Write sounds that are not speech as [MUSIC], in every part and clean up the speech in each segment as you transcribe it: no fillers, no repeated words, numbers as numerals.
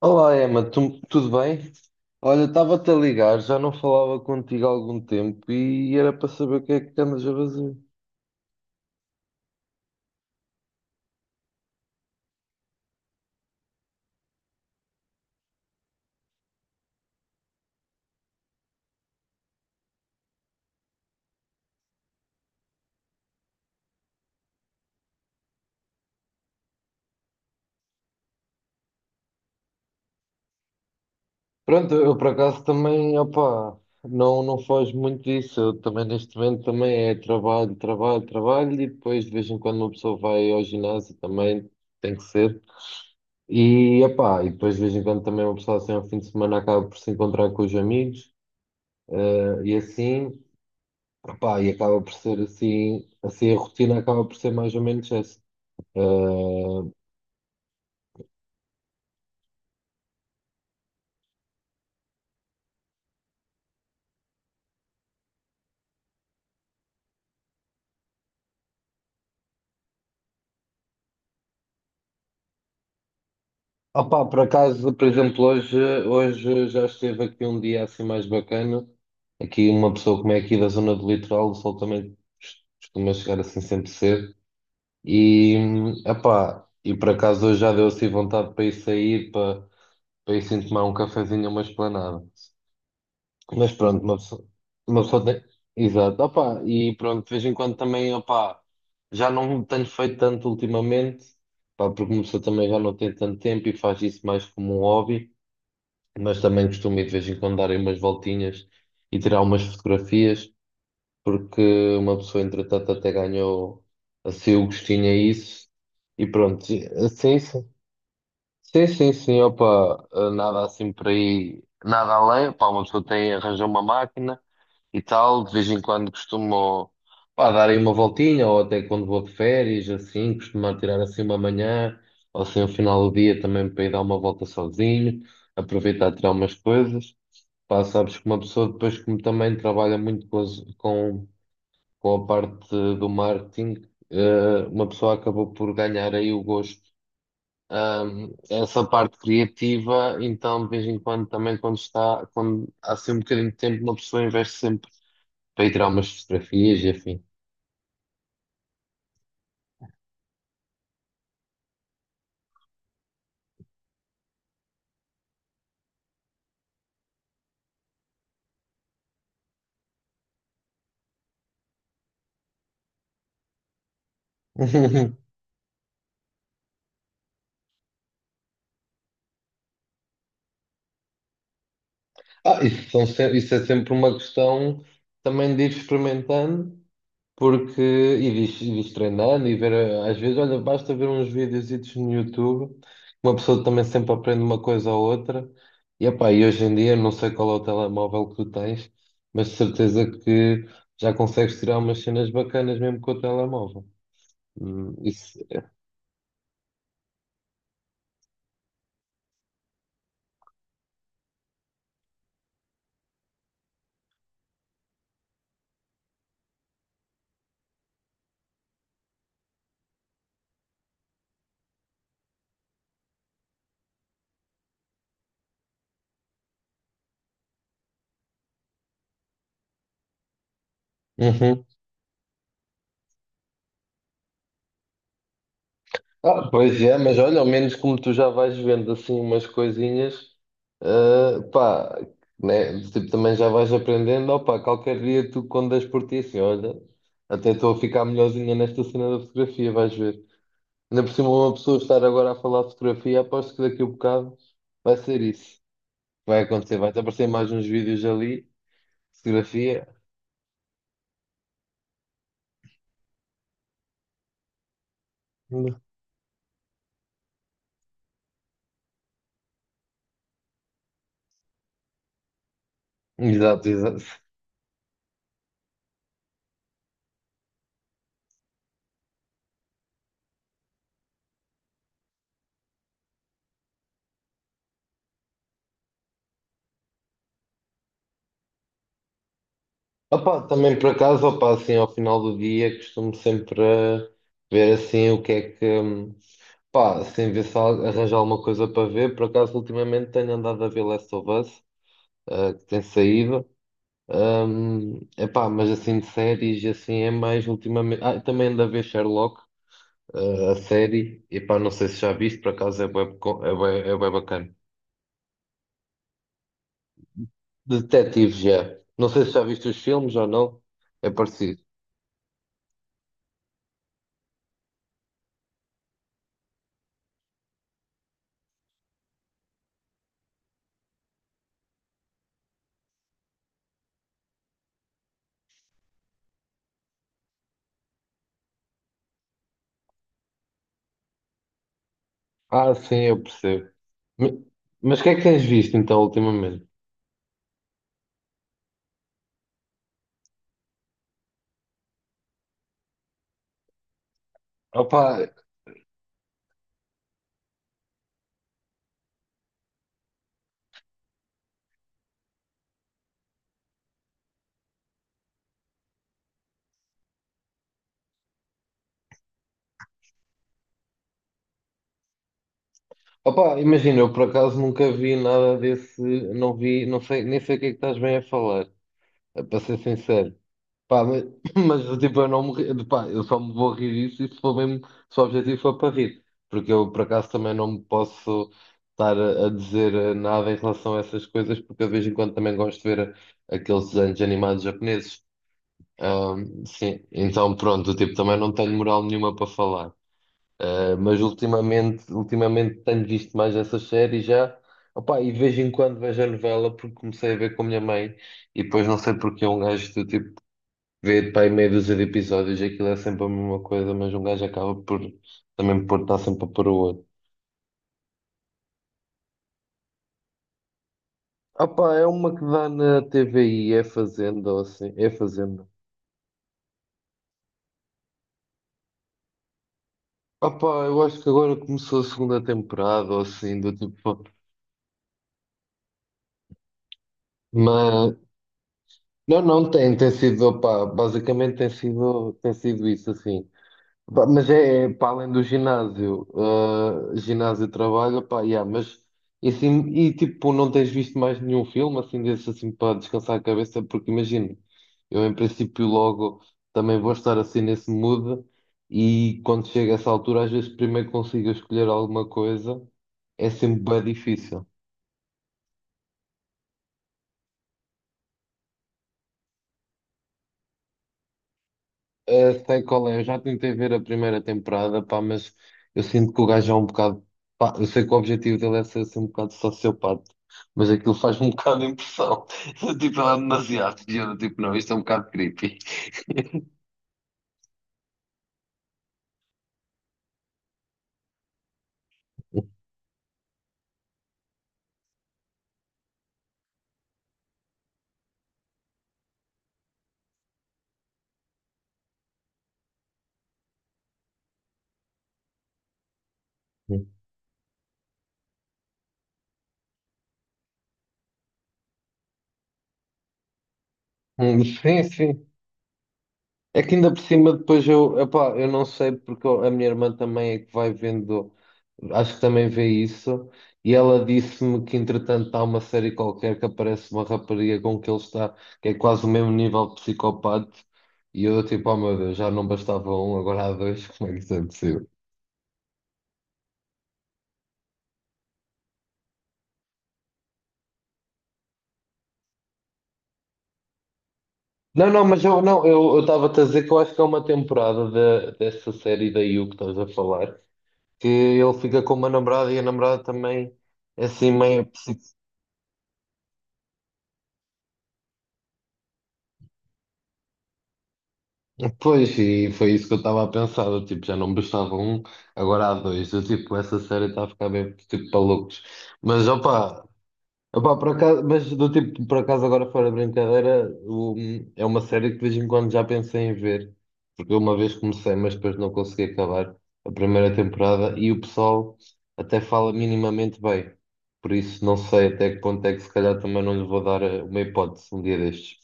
Olá, Emma, tudo bem? Olha, estava-te a ligar, já não falava contigo há algum tempo e era para saber o que é que andas a fazer. Pronto, eu por acaso também, opá, não foge muito disso. Eu também neste momento também é trabalho, trabalho, trabalho e depois de vez em quando uma pessoa vai ao ginásio também, tem que ser. E opá, e depois de vez em quando também uma pessoa assim ao fim de semana acaba por se encontrar com os amigos e assim. Epá, e acaba por ser assim, assim a rotina acaba por ser mais ou menos essa. Ah, opá, por acaso, por exemplo, hoje já esteve aqui um dia assim mais bacana. Aqui uma pessoa como é aqui da zona do litoral, o sol também costuma chegar assim sempre cedo. E, Epá, e por acaso hoje já deu assim vontade para ir sair, para ir assim tomar um cafezinho, uma esplanada. Mas pronto, uma pessoa tem. Exato, opá, e pronto, de vez em quando também, opá, já não tenho feito tanto ultimamente, pá, porque uma pessoa também já não tem tanto tempo e faz isso mais como um hobby, mas também costumo ir de vez em quando dar aí umas voltinhas e tirar umas fotografias, porque uma pessoa, entretanto, até ganhou assim o gostinho a isso, e pronto, assim, sim, sim, opa opá, nada assim por aí, nada além, opa uma pessoa tem, arranjou uma máquina e tal. De vez em quando costumo, pá, dar aí uma voltinha, ou até quando vou de férias, assim, costumo tirar assim uma manhã, ou assim, o final do dia também para ir dar uma volta sozinho, aproveitar tirar umas coisas. Pá, sabes que uma pessoa depois como também trabalha muito com com a parte do marketing, uma pessoa acabou por ganhar aí o gosto. Essa parte criativa, então de vez em quando também quando há assim um bocadinho de tempo, uma pessoa investe sempre para ir tirar umas fotografias e afim. [LAUGHS] Ah, isso, são se- isso é sempre uma questão também de ir experimentando, porque e de treinando e ver, às vezes, olha, basta ver uns videozitos no YouTube, uma pessoa também sempre aprende uma coisa ou outra, epá, e hoje em dia, não sei qual é o telemóvel que tu tens, mas de certeza que já consegues tirar umas cenas bacanas mesmo com o telemóvel. Isso. É. Uhum. Ah, pois é, mas olha, ao menos como tu já vais vendo assim umas coisinhas, ah, pá, né? Tipo, também já vais aprendendo, opá, qualquer dia tu quando das por ti assim, olha, até estou a ficar melhorzinha nesta cena da fotografia, vais ver. Ainda por cima uma pessoa estar agora a falar de fotografia, aposto que daqui a um bocado vai ser isso. Vai acontecer, vai-te aparecer mais uns vídeos ali, fotografia. Exato, exato. Opa, também por acaso, opa, assim, ao final do dia costumo sempre ver assim o que é que, pá, assim, ver se arranjo alguma coisa para ver. Por acaso, ultimamente tenho andado a ver Last of Us, que tem saído. Epá, mas assim de séries, assim é mais ultimamente. Ah, também ando a ver Sherlock, a série. Epá, não sei se já viste, por acaso é é bué bacana. Detetives, já. Não sei se já viste os filmes ou não, é parecido. Ah, sim, eu percebo. Me- Mas o que é que tens visto então ultimamente? Opa, opa, imagina, eu por acaso nunca vi nada desse, não vi, não sei, nem sei o que é que estás bem a falar, para ser sincero. Pá, mas, [COUGHS] [CLEARS THROAT] mas tipo, eu não me, ri- pá, eu só me vou rir disso e se for mesmo, se o objetivo for para rir, porque eu por acaso também não me posso estar a dizer nada em relação a essas coisas, porque eu de vez em quando também gosto de ver aqueles desenhos animados japoneses. Sim, então pronto, tipo, também não tenho moral nenhuma para falar. Ah, mas ultimamente tenho visto mais essas séries já. Opá, e de vez em quando vejo a novela porque comecei a ver com a minha mãe e depois não sei porque um gajo do tipo vê pá, aí meia dúzia de episódios, aquilo é sempre a mesma coisa, mas um gajo acaba por também por estar sempre a pôr o outro. Opá, é uma que dá na TVI, é Fazenda ou assim, é Fazenda. Opá, eu acho que agora começou a segunda temporada ou assim, do tipo. mas Não, não tem, tem sido, opá, basicamente tem sido isso assim. Pá, mas é, é para além do ginásio, ah, ginásio trabalho, pá, yeah, mas e, assim, e tipo, não tens visto mais nenhum filme assim desse assim para descansar a cabeça, porque imagina, eu em princípio logo também vou estar assim nesse mood e quando chega essa altura, às vezes primeiro consigo escolher alguma coisa, é sempre bem difícil. Ah, sei qual é, eu já tentei ver a primeira temporada, pá, mas eu sinto que o gajo é um bocado. Pá, eu sei que o objetivo dele é ser assim, um bocado sociopata, mas aquilo faz um [LAUGHS] bocado de impressão. [LAUGHS] Tipo, ela é demasiado. E eu, tipo, não, isto é um bocado creepy. Sim, sim. É que ainda por cima depois eu, epá, eu não sei a minha irmã também é que vai vendo. Acho que também vê isso. E ela disse-me que, entretanto, há uma série qualquer que aparece uma rapariga com que ele está, que é quase o mesmo nível de psicopata. E eu, tipo, oh meu Deus, já não bastava um, agora há dois, como é que isso é possível? Não, não, mas eu não, eu estava-te a dizer que eu acho que é uma temporada da dessa série da You que estás a falar, que ele fica com uma namorada e a namorada também é assim meio. Pois, e foi isso que eu estava a pensar. Eu, tipo, já não bastava um, agora há dois. Eu, tipo, essa série está a ficar bem tipo, para loucos. Mas opa, por acaso, mas do tipo, por acaso agora fora de brincadeira, é uma série que de vez em quando já pensei em ver. Porque eu uma vez comecei, mas depois não consegui acabar a primeira temporada e o pessoal até fala minimamente bem. Por isso não sei até que ponto é que se calhar também não lhe vou dar uma hipótese um dia destes.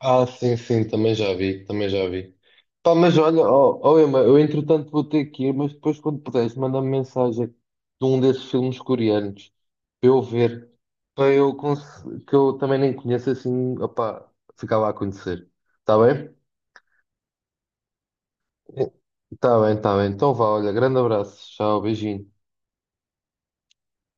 Ah, sim, sim, também já vi, também já vi. Pá, mas olha, ó, ó, Emma, eu entretanto vou ter que ir, mas depois quando puderes, manda-me mensagem de um desses filmes coreanos para eu ver, para eu cons- que eu também nem conheço assim, opá, ficar lá a conhecer. Está bem? Está bem, está bem. Então vá, olha, grande abraço, tchau, beijinho.